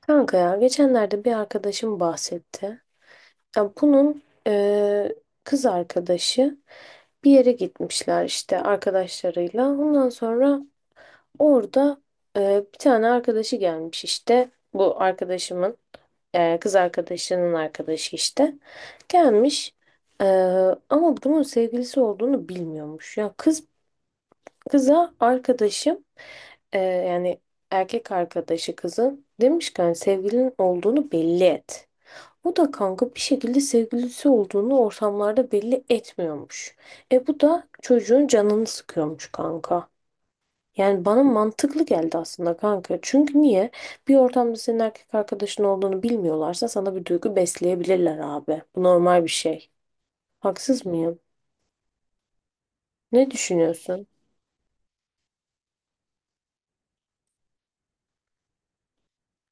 Kanka ya geçenlerde bir arkadaşım bahsetti. Ya bunun kız arkadaşı bir yere gitmişler işte arkadaşlarıyla. Ondan sonra orada bir tane arkadaşı gelmiş işte. Bu arkadaşımın kız arkadaşının arkadaşı işte. Gelmiş. Ama bunun sevgilisi olduğunu bilmiyormuş. Ya kız kıza arkadaşım yani erkek arkadaşı kızın demiş ki hani sevgilinin olduğunu belli et. Bu da kanka bir şekilde sevgilisi olduğunu ortamlarda belli etmiyormuş. E bu da çocuğun canını sıkıyormuş kanka. Yani bana mantıklı geldi aslında kanka. Çünkü niye? Bir ortamda senin erkek arkadaşın olduğunu bilmiyorlarsa sana bir duygu besleyebilirler abi. Bu normal bir şey. Haksız mıyım? Ne düşünüyorsun?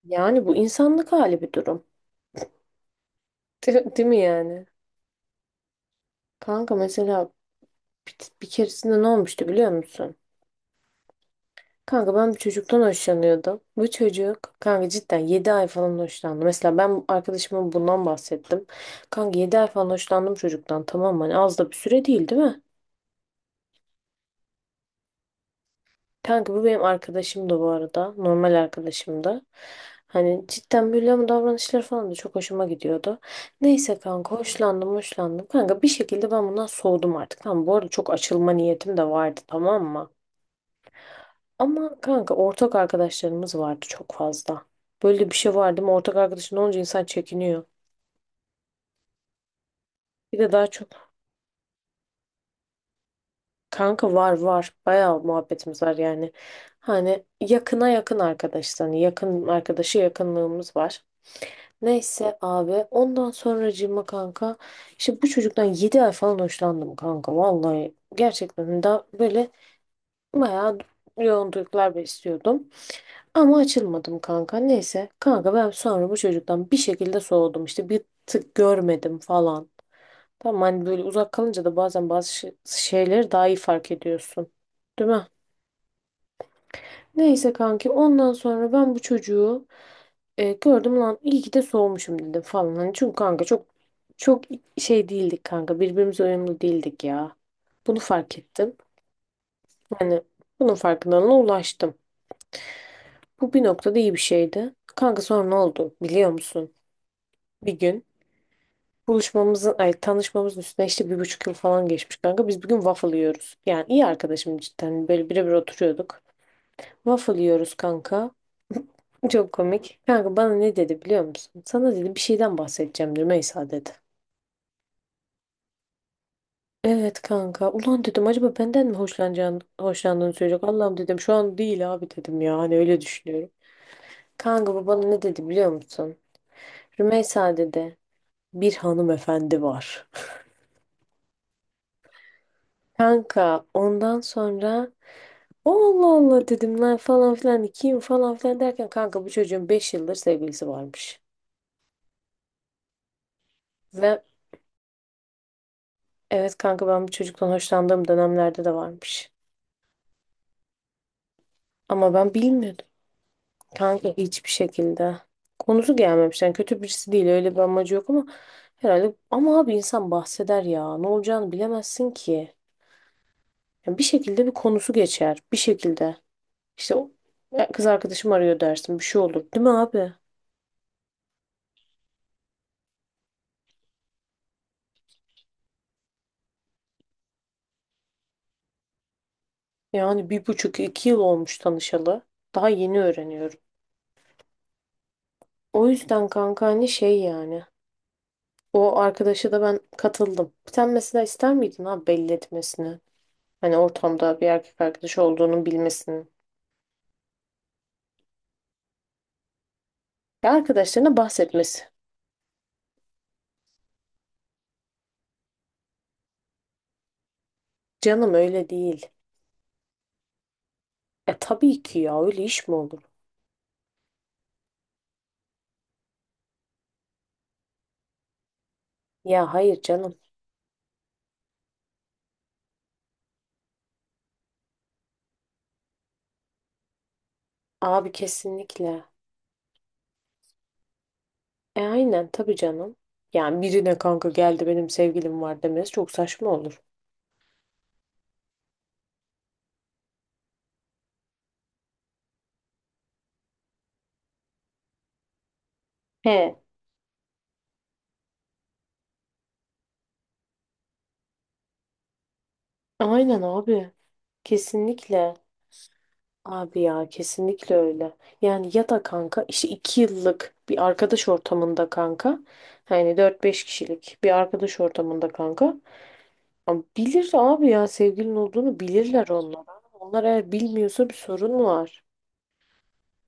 Yani bu insanlık hali bir durum. Değil mi yani? Kanka mesela bir, bir keresinde ne olmuştu biliyor musun? Kanka ben bir çocuktan hoşlanıyordum. Bu çocuk kanka cidden 7 ay falan hoşlandı. Mesela ben arkadaşıma bundan bahsettim. Kanka 7 ay falan hoşlandım çocuktan. Tamam mı? Hani az da bir süre değil mi? Kanka bu benim arkadaşım da bu arada. Normal arkadaşım da. Hani cidden böyle ama davranışları falan da çok hoşuma gidiyordu. Neyse kanka hoşlandım hoşlandım. Kanka bir şekilde ben bundan soğudum artık. Tamam bu arada çok açılma niyetim de vardı, tamam mı? Ama kanka ortak arkadaşlarımız vardı çok fazla. Böyle bir şey vardı mı ortak arkadaşın olunca insan çekiniyor. Bir de daha çok kanka var bayağı muhabbetimiz var yani. Hani yakın arkadaş hani yakın arkadaşı yakınlığımız var. Neyse abi ondan sonracığıma kanka işte bu çocuktan 7 ay falan hoşlandım kanka vallahi gerçekten daha böyle bayağı yoğun duygular besliyordum. Ama açılmadım kanka. Neyse. Kanka ben sonra bu çocuktan bir şekilde soğudum. İşte bir tık görmedim falan. Tamam, hani böyle uzak kalınca da bazen bazı şeyleri daha iyi fark ediyorsun. Değil mi? Neyse kanki ondan sonra ben bu çocuğu gördüm, lan iyi ki de soğumuşum dedim falan. Hani çünkü kanka çok çok şey değildik kanka. Birbirimize uyumlu değildik ya. Bunu fark ettim. Yani bunun farkındalığına ulaştım. Bu bir noktada iyi bir şeydi. Kanka sonra ne oldu biliyor musun? Bir gün Buluşmamızın, ay tanışmamızın üstüne işte 1,5 yıl falan geçmiş kanka. Biz bugün waffle yiyoruz. Yani iyi arkadaşım cidden. Böyle birebir oturuyorduk. Waffle yiyoruz kanka. Çok komik. Kanka bana ne dedi biliyor musun? Sana dedi bir şeyden bahsedeceğim Rümeysa, dedi. Evet kanka. Ulan dedim acaba benden mi hoşlanacağını, hoşlandığını söyleyecek. Allah'ım dedim şu an değil abi dedim ya. Hani öyle düşünüyorum. Kanka bu bana ne dedi biliyor musun? Rümeysa dedi, bir hanımefendi var. Kanka ondan sonra Allah Allah dedim lan falan filan kim falan filan derken kanka bu çocuğun 5 yıldır sevgilisi varmış. Ve evet kanka ben bu çocuktan hoşlandığım dönemlerde de varmış. Ama ben bilmiyordum. Kanka hiçbir şekilde. Konusu gelmemiş. Yani kötü birisi değil öyle bir amacı yok ama herhalde, ama abi insan bahseder ya. Ne olacağını bilemezsin ki. Yani bir şekilde bir konusu geçer. Bir şekilde. İşte o, "Ya kız arkadaşım arıyor" dersin, bir şey olur. Değil mi abi? Yani 1,5-2 yıl olmuş tanışalı. Daha yeni öğreniyorum. O yüzden kanka hani şey yani. O arkadaşa da ben katıldım. Sen mesela ister miydin abi belli etmesini? Hani ortamda bir erkek arkadaşı olduğunu bilmesini. Ya arkadaşlarına bahsetmesi. Canım öyle değil. E tabii ki, ya öyle iş mi olur? Ya hayır canım. Abi kesinlikle. E aynen tabii canım. Yani birine kanka geldi benim sevgilim var demesi çok saçma olur. He. Aynen abi. Kesinlikle. Abi ya kesinlikle öyle. Yani ya da kanka işte 2 yıllık bir arkadaş ortamında kanka. Yani 4-5 kişilik bir arkadaş ortamında kanka. Ama bilir abi ya, sevgilin olduğunu bilirler onlar. Onlar eğer bilmiyorsa bir sorun var.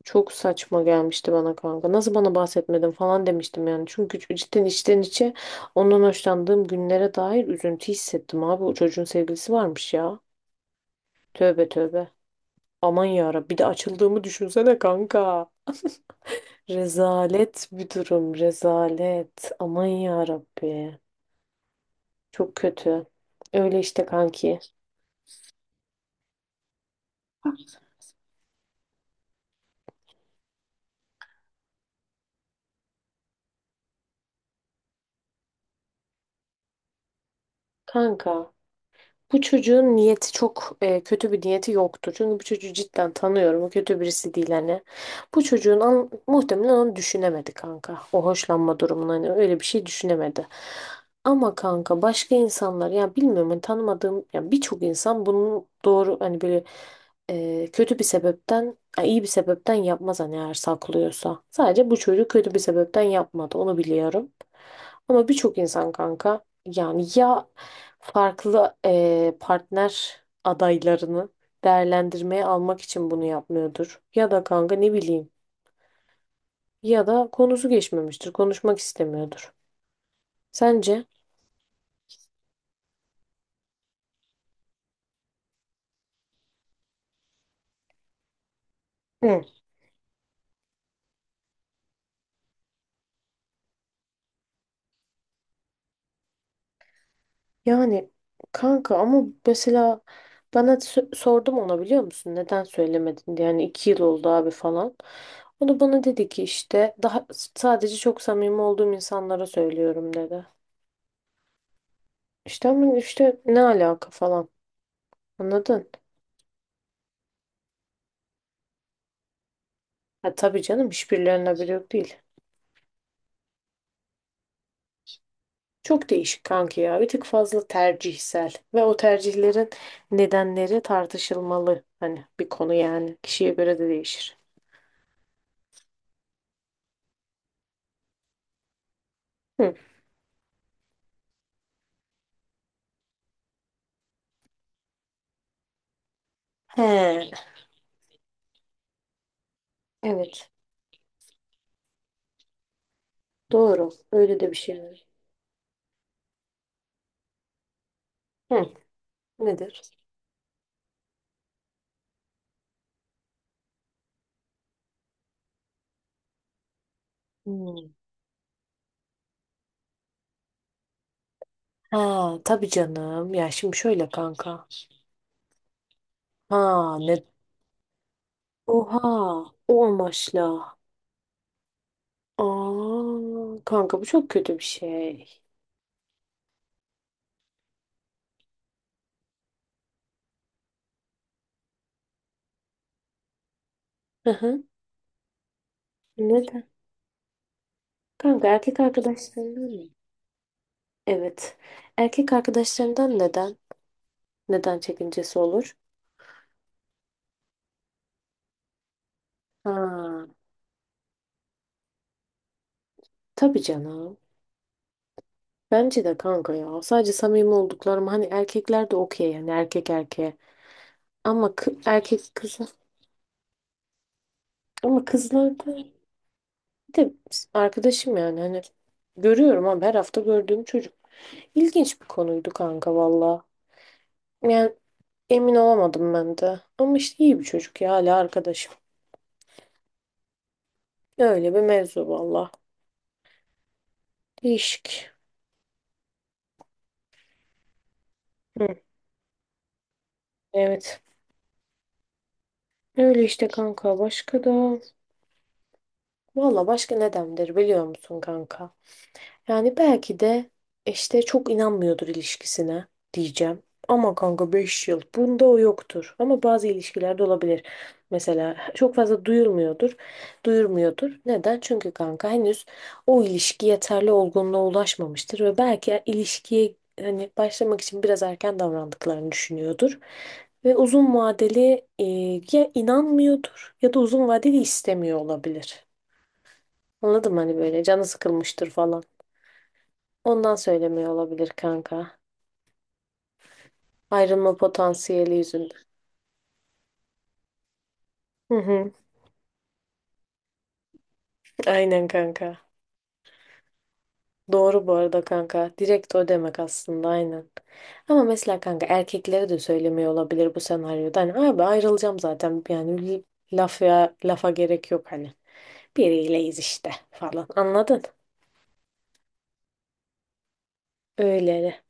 Çok saçma gelmişti bana kanka. Nasıl bana bahsetmedin falan demiştim yani. Çünkü cidden içten içe ondan hoşlandığım günlere dair üzüntü hissettim abi. O çocuğun sevgilisi varmış ya. Tövbe tövbe. Aman ya Rabbi, bir de açıldığımı düşünsene kanka. Rezalet bir durum, rezalet. Aman ya Rabbi. Çok kötü. Öyle işte kanki. Kanka, bu çocuğun niyeti çok kötü bir niyeti yoktu. Çünkü bu çocuğu cidden tanıyorum. O kötü birisi değil hani. Bu çocuğun muhtemelen onu düşünemedi kanka. O hoşlanma durumunu hani öyle bir şey düşünemedi. Ama kanka başka insanlar ya bilmiyorum hani tanımadığım ya birçok insan bunu doğru hani böyle kötü bir sebepten ya iyi bir sebepten yapmaz hani eğer saklıyorsa. Sadece bu çocuk kötü bir sebepten yapmadı, onu biliyorum. Ama birçok insan kanka yani ya farklı partner adaylarını değerlendirmeye almak için bunu yapmıyordur. Ya da kanka ne bileyim. Ya da konusu geçmemiştir. Konuşmak istemiyordur. Sence? Hı. Yani kanka ama mesela bana sordum ona biliyor musun? Neden söylemedin diye. Yani 2 yıl oldu abi falan. O da bana dedi ki işte daha sadece çok samimi olduğum insanlara söylüyorum dedi. İşte ama işte ne alaka falan. Anladın? Ha, tabii canım, hiçbirilerine bile yok değil. Çok değişik kanki ya. Bir tık fazla tercihsel. Ve o tercihlerin nedenleri tartışılmalı. Hani bir konu yani. Kişiye göre de değişir. Hı. He, evet. Doğru. Öyle de bir şey var. Hı. Nedir? Hmm. Ha, tabii canım. Ya şimdi şöyle kanka. Ha, ne? Oha. O amaçla. Aa, kanka bu çok kötü bir şey. Hı hı. Neden? Kanka erkek arkadaşlarından mı? Evet. Erkek arkadaşlarından neden? Neden çekincesi olur? Ha, tabii canım. Bence de kanka ya. Sadece samimi olduklarım hani, erkekler de okey yani erkek erkeğe. Ama erkek kızı, ama kızlarda, bir de arkadaşım yani hani görüyorum, ama her hafta gördüğüm çocuk. İlginç bir konuydu kanka valla. Yani emin olamadım ben de. Ama işte iyi bir çocuk ya, hala arkadaşım. Öyle bir mevzu valla. Değişik. Hı, evet. Öyle işte kanka. Başka da... Valla başka ne demdir biliyor musun kanka? Yani belki de işte çok inanmıyordur ilişkisine diyeceğim. Ama kanka 5 yıl bunda o yoktur. Ama bazı ilişkilerde olabilir. Mesela çok fazla duyulmuyordur, duyurmuyordur. Neden? Çünkü kanka henüz o ilişki yeterli olgunluğa ulaşmamıştır ve belki ilişkiye hani başlamak için biraz erken davrandıklarını düşünüyordur. Ve uzun vadeli ya inanmıyordur ya da uzun vadeli istemiyor olabilir. Anladın mı? Hani böyle canı sıkılmıştır falan. Ondan söylemiyor olabilir kanka. Ayrılma potansiyeli yüzünden. Hı hı. Aynen kanka. Doğru bu arada kanka. Direkt o demek aslında, aynen. Ama mesela kanka erkeklere de söylemiyor olabilir bu senaryoda. Hani abi ayrılacağım zaten. Yani laf ya, lafa gerek yok hani. Biriyleyiz işte falan. Anladın? Öyle.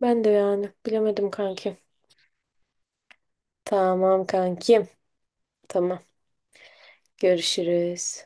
Ben de yani bilemedim kankim. Tamam kankim. Tamam. Görüşürüz.